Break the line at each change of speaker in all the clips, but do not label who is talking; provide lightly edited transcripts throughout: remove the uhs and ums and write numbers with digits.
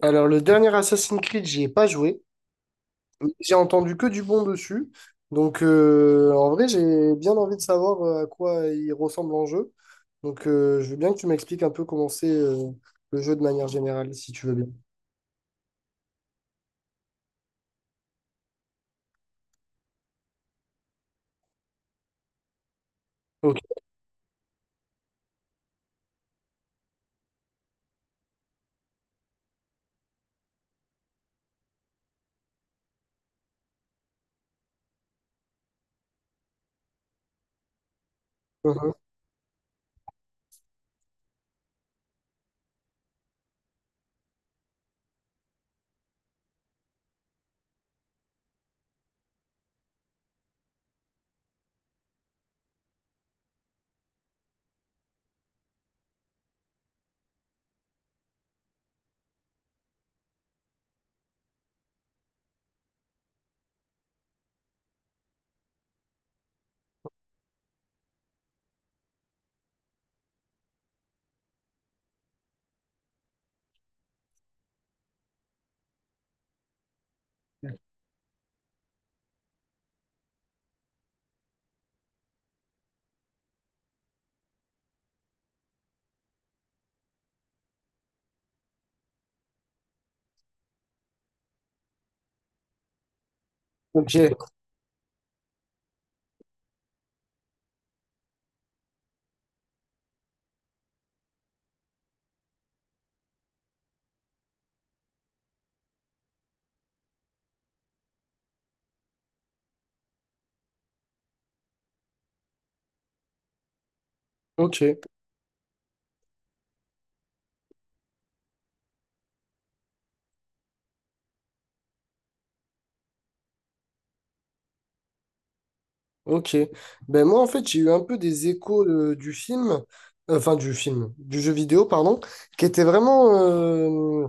Alors, le dernier Assassin's Creed, j'y ai pas joué, mais j'ai entendu que du bon dessus. Donc, en vrai, j'ai bien envie de savoir à quoi il ressemble en jeu. Donc, je veux bien que tu m'expliques un peu comment c'est le jeu de manière générale, si tu veux bien. Ok. Mhm. Ok, ok, ok. Ben moi, en fait, j'ai eu un peu des échos du film, enfin du film, du jeu vidéo, pardon, qui était vraiment...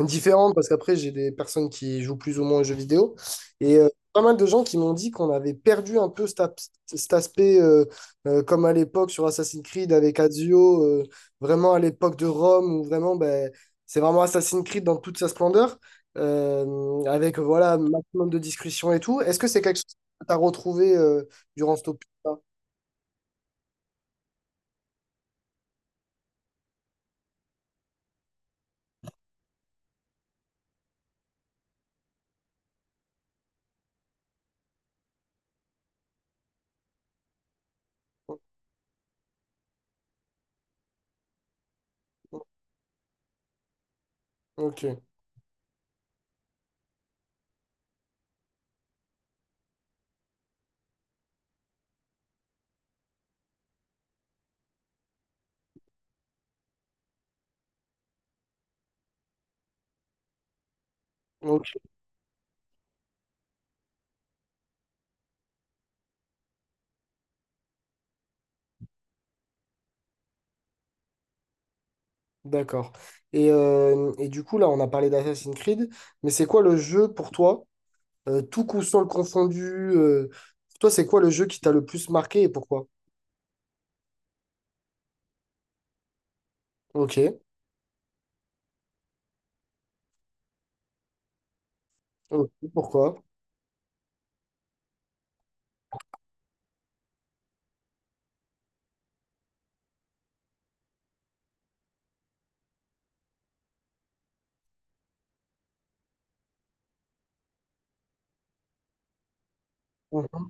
différente parce qu'après, j'ai des personnes qui jouent plus ou moins aux jeux vidéo. Et pas mal de gens qui m'ont dit qu'on avait perdu un peu cet aspect, comme à l'époque sur Assassin's Creed avec Ezio, vraiment à l'époque de Rome, où vraiment, ben, c'est vraiment Assassin's Creed dans toute sa splendeur, avec voilà, un maximum de discussions et tout. Est-ce que c'est quelque chose que tu as retrouvé durant ce opus-là? Ok, ok, d'accord. Et du coup, là, on a parlé d'Assassin's Creed, mais c'est quoi le jeu pour toi? Tout console confondu. Toi, c'est quoi le jeu qui t'a le plus marqué et pourquoi? Ok. Ok, pourquoi? Mhm.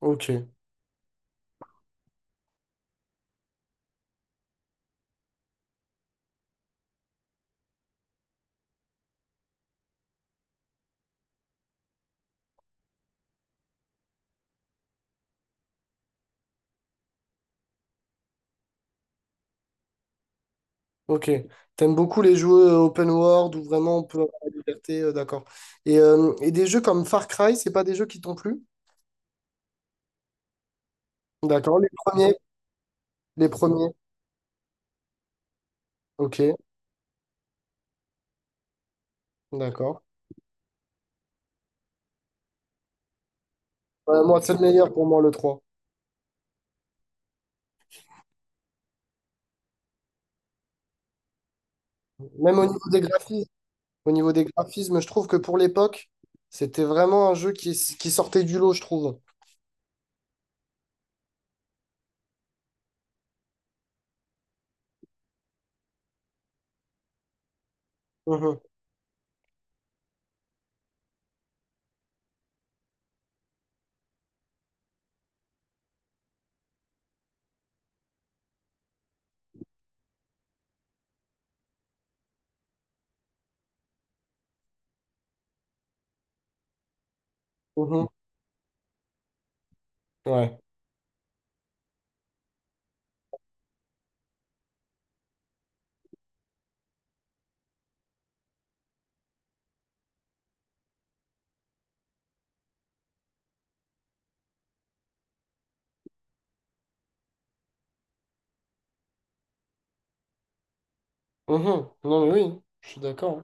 Ok. Ok. T'aimes beaucoup les jeux open world où vraiment on peut avoir la liberté, d'accord. Et des jeux comme Far Cry, c'est pas des jeux qui t'ont plu? D'accord. Les premiers. Les premiers. Ok. D'accord. Moi, c'est le meilleur pour moi, le 3. Même au niveau des graphismes. Au niveau des graphismes, je trouve que pour l'époque, c'était vraiment un jeu qui sortait du lot, je trouve. Mhm. Mhm. Ouais. Mhm. Non, mais oui, je suis d'accord.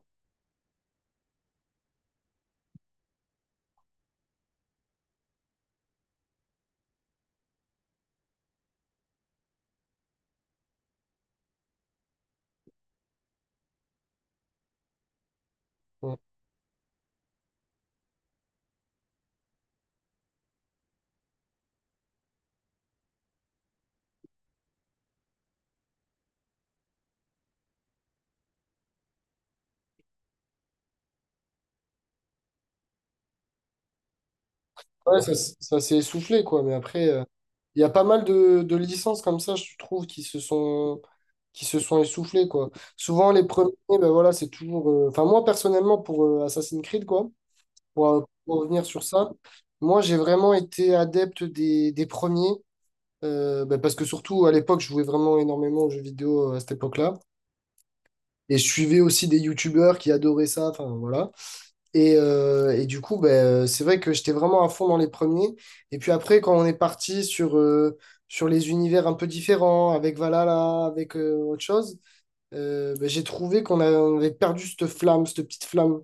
Ouais, ouais, ça, ça s'est essoufflé, quoi. Mais après, il y a pas mal de licences comme ça, je trouve, qui se sont essoufflées, quoi. Souvent, les premiers, ben voilà, c'est toujours. Enfin, moi, personnellement, pour Assassin's Creed, quoi, pour revenir sur ça, moi, j'ai vraiment été adepte des premiers, ben, parce que surtout, à l'époque, je jouais vraiment énormément aux jeux vidéo à cette époque-là. Et je suivais aussi des youtubeurs qui adoraient ça, enfin, voilà. Et du coup, ben, c'est vrai que j'étais vraiment à fond dans les premiers. Et puis après, quand on est parti sur, sur les univers un peu différents, avec Valhalla, avec autre chose, ben, j'ai trouvé on avait perdu cette flamme, cette petite flamme.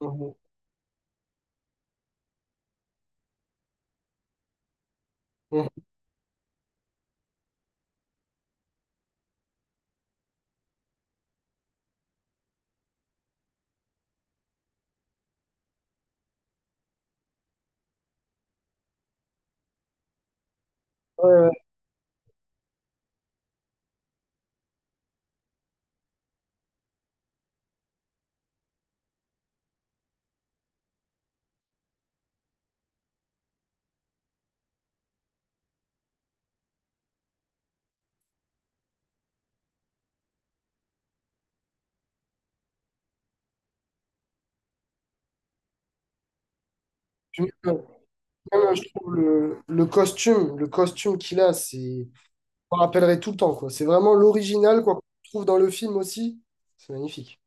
Mhm. Mhm. Ouais, ouais. Puis même, même, je trouve le costume qu'il a, c'est, on rappellerait tout le temps, quoi. C'est vraiment l'original, quoi, qu'on trouve dans le film aussi. C'est magnifique.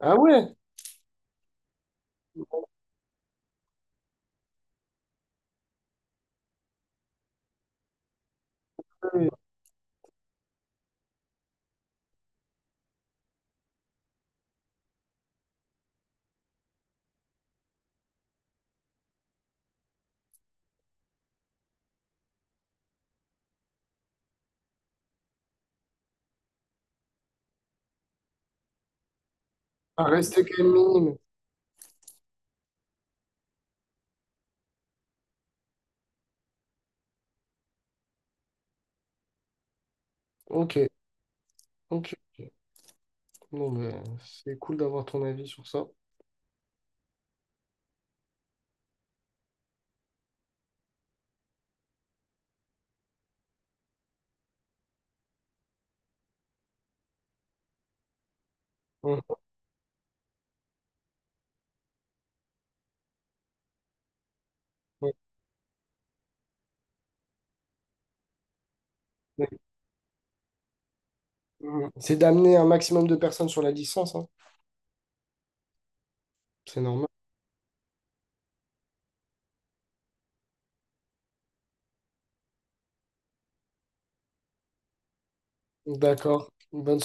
Ah ouais, ouais. Ah, rester quand même minime. Ok, ok. Non, mais c'est cool d'avoir ton avis sur ça. Mhm. Mhm. C'est d'amener un maximum de personnes sur la licence, hein. C'est normal. D'accord. Bonne